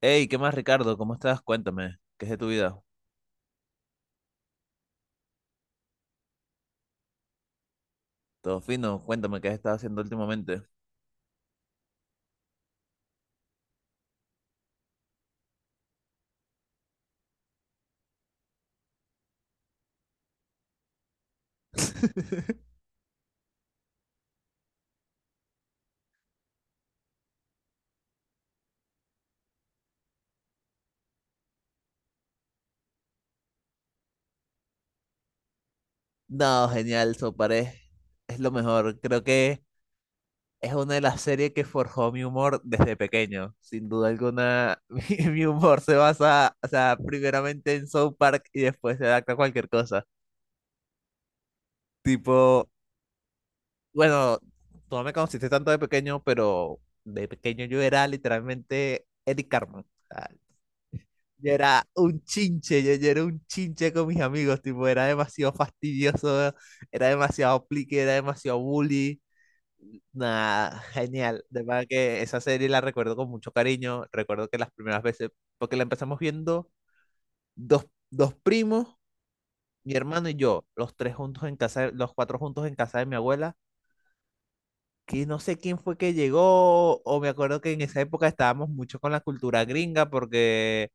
Hey, ¿qué más, Ricardo? ¿Cómo estás? Cuéntame, ¿qué es de tu vida? Todo fino, cuéntame, ¿qué has estado haciendo últimamente? No, genial, Soparé. Es lo mejor. Creo que es una de las series que forjó mi humor desde pequeño. Sin duda alguna, mi humor se basa, o sea, primeramente en South Park y después se adapta a cualquier cosa. Tipo, bueno, tú no me conociste tanto de pequeño, pero de pequeño yo era literalmente Eric Cartman. Yo era un chinche, yo era un chinche con mis amigos, tipo, era demasiado fastidioso, era demasiado plique, era demasiado bully. Nada, genial. De verdad que esa serie la recuerdo con mucho cariño. Recuerdo que las primeras veces, porque la empezamos viendo dos, dos primos, mi hermano y yo, los tres juntos en casa, los cuatro juntos en casa de mi abuela, que no sé quién fue que llegó, o me acuerdo que en esa época estábamos mucho con la cultura gringa, porque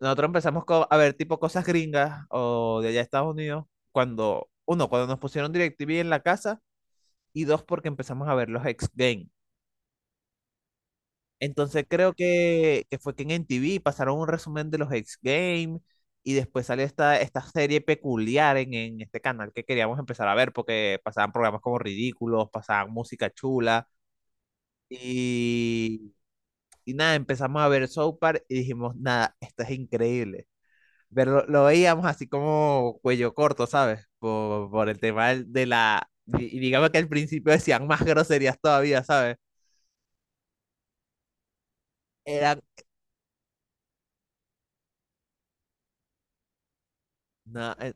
nosotros empezamos con a ver tipo cosas gringas o de allá de Estados Unidos cuando, uno, cuando nos pusieron DirecTV en la casa y dos, porque empezamos a ver los X Games. Entonces creo que fue que en MTV pasaron un resumen de los X Games y después salió esta serie peculiar en este canal que queríamos empezar a ver porque pasaban programas como ridículos, pasaban música chula y, y nada, empezamos a ver South Park y dijimos, nada, esto es increíble. Pero lo veíamos así como cuello corto, ¿sabes? Por el tema de la... Y digamos que al principio decían más groserías todavía, ¿sabes? Eran no,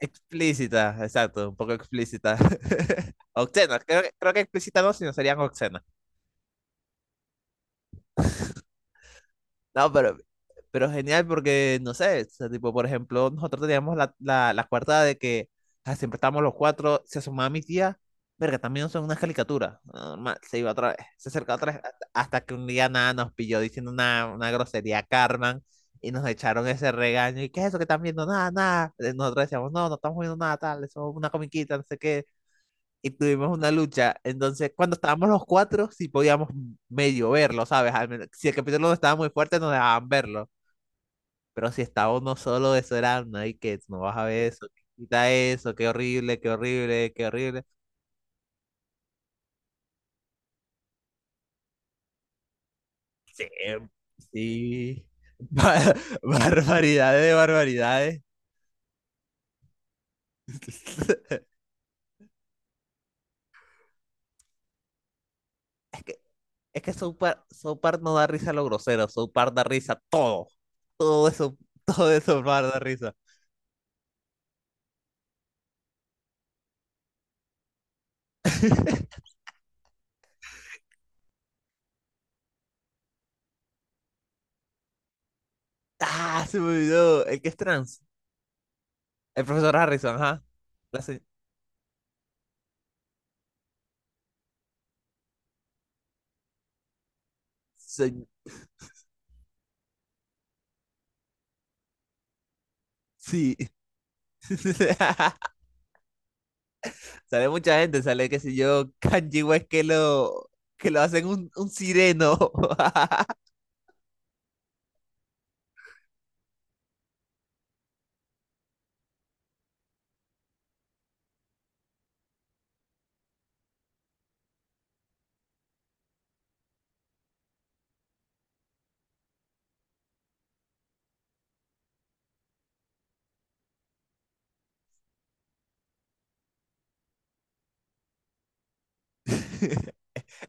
explícitas, exacto, un poco explícitas. Obscenas, creo, creo que explícitas no, sino serían obscenas. No, pero genial porque, no sé, o sea, tipo, por ejemplo, nosotros teníamos la, la cuarta de que ah, siempre estábamos los cuatro, se asomaba mi tía, verga, también son unas caricaturas, normal, se iba otra vez, se acercaba otra vez, hasta que un día nada nos pilló diciendo una grosería a Carmen y nos echaron ese regaño, y qué es eso que están viendo, nada, nada, eh, nosotros decíamos, no, no estamos viendo nada, tal, eso es una comiquita, no sé qué, y tuvimos una lucha, entonces cuando estábamos los cuatro, sí podíamos medio verlo, ¿sabes? Al menos, si el capítulo no estaba muy fuerte, nos dejaban verlo. Pero si estaba uno solo, eso era, no hay que, no vas a ver eso, quita eso, qué horrible, qué horrible, qué horrible. Sí, sí. Bar- Barbaridades de barbaridades. Es que, es que South Park, South Park no da risa a lo grosero, South Park da risa a todo. Todo eso, todo eso Park da risa. Ah, se me olvidó. El que es trans. El profesor Harrison, ajá. La se- se- sí. Sale mucha gente, sale, qué sé yo, Kanji West que lo hacen un sireno.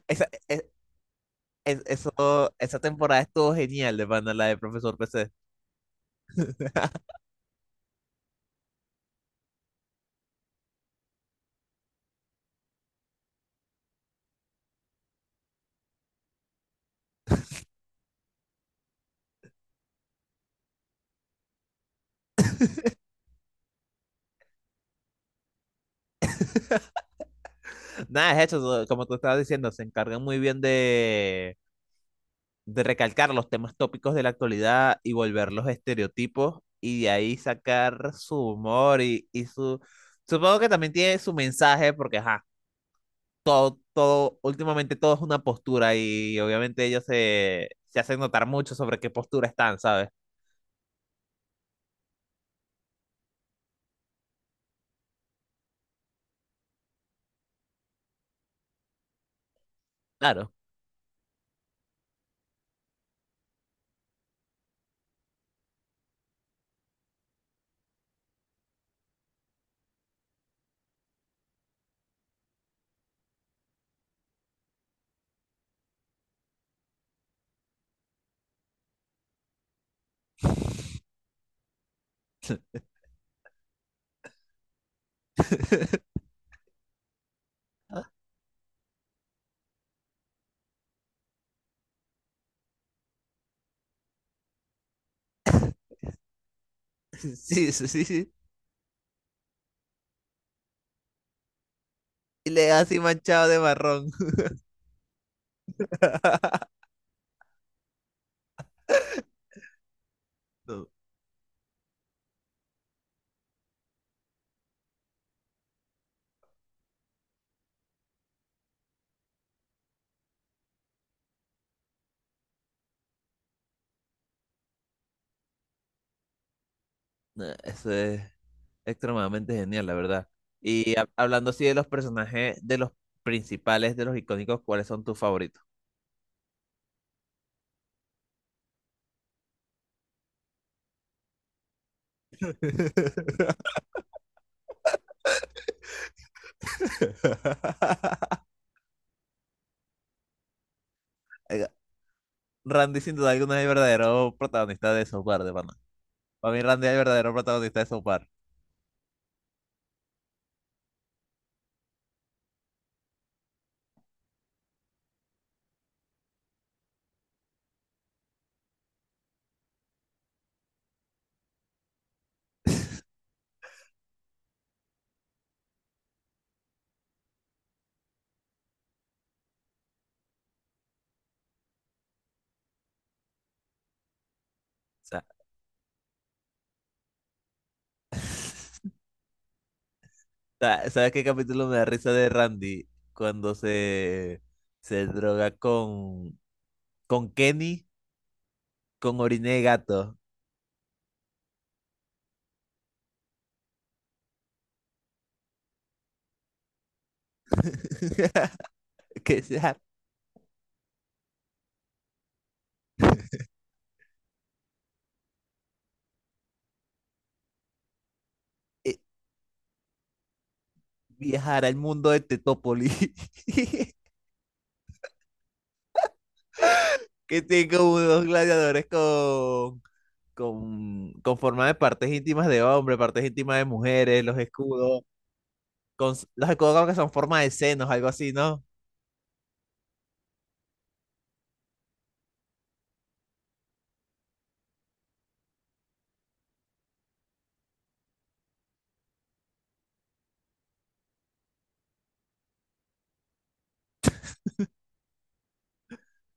Esa, eso, esa temporada estuvo genial de pana, la de Profesor PC. Nada, es eso, como tú estabas diciendo, se encargan muy bien de recalcar los temas tópicos de la actualidad y volverlos estereotipos y de ahí sacar su humor y su... Supongo que también tiene su mensaje porque, ajá, todo, últimamente todo es una postura y obviamente ellos se, se hacen notar mucho sobre qué postura están, ¿sabes? Claro. Sí, sí, sí, sí. Y le da así manchado de marrón. No, no, eso es extremadamente genial, la verdad. Y hablando así de los personajes, de los principales, de los icónicos, ¿cuáles son tus favoritos? Oiga, Randy sin duda alguna es el verdadero protagonista de Software de mano. Para mí Randy es el verdadero protagonista de South Park. Sa- ¿Sabes qué capítulo me da risa de Randy? Cuando se droga con Kenny, con orina de gato. Que sea, eh, viajar al mundo de Tetópolis. Que tiene como dos gladiadores con, con forma de partes íntimas de hombre, partes íntimas de mujeres, los escudos, con, los escudos como que son forma de senos, algo así, ¿no?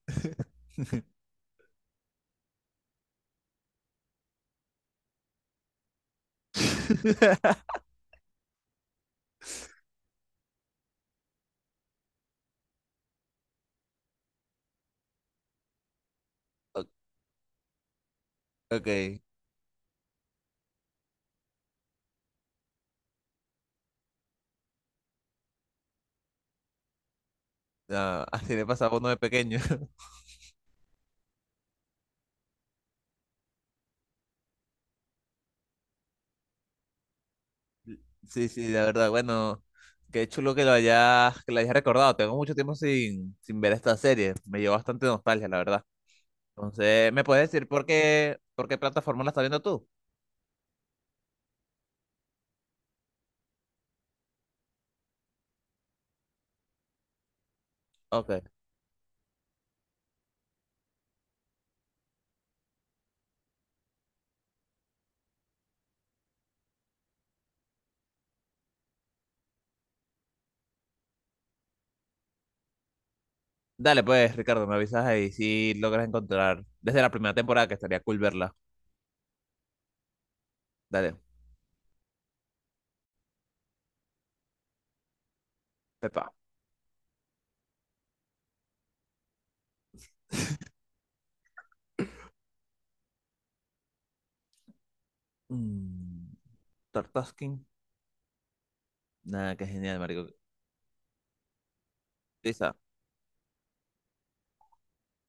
O- Ok, ah, así le pasaba a uno de pequeño. Sí, sí, la verdad, bueno, qué chulo que lo hayas recordado. Tengo mucho tiempo sin, sin ver esta serie, me llevó bastante nostalgia, la verdad. Entonces, ¿me puedes decir por qué plataforma la estás viendo tú? Ok. Dale, pues, Ricardo, me avisas ahí si logras encontrar desde la primera temporada que estaría cool verla. Dale, Pepa. Mm, Tartaskin. Nada, qué genial, marico. Lisa.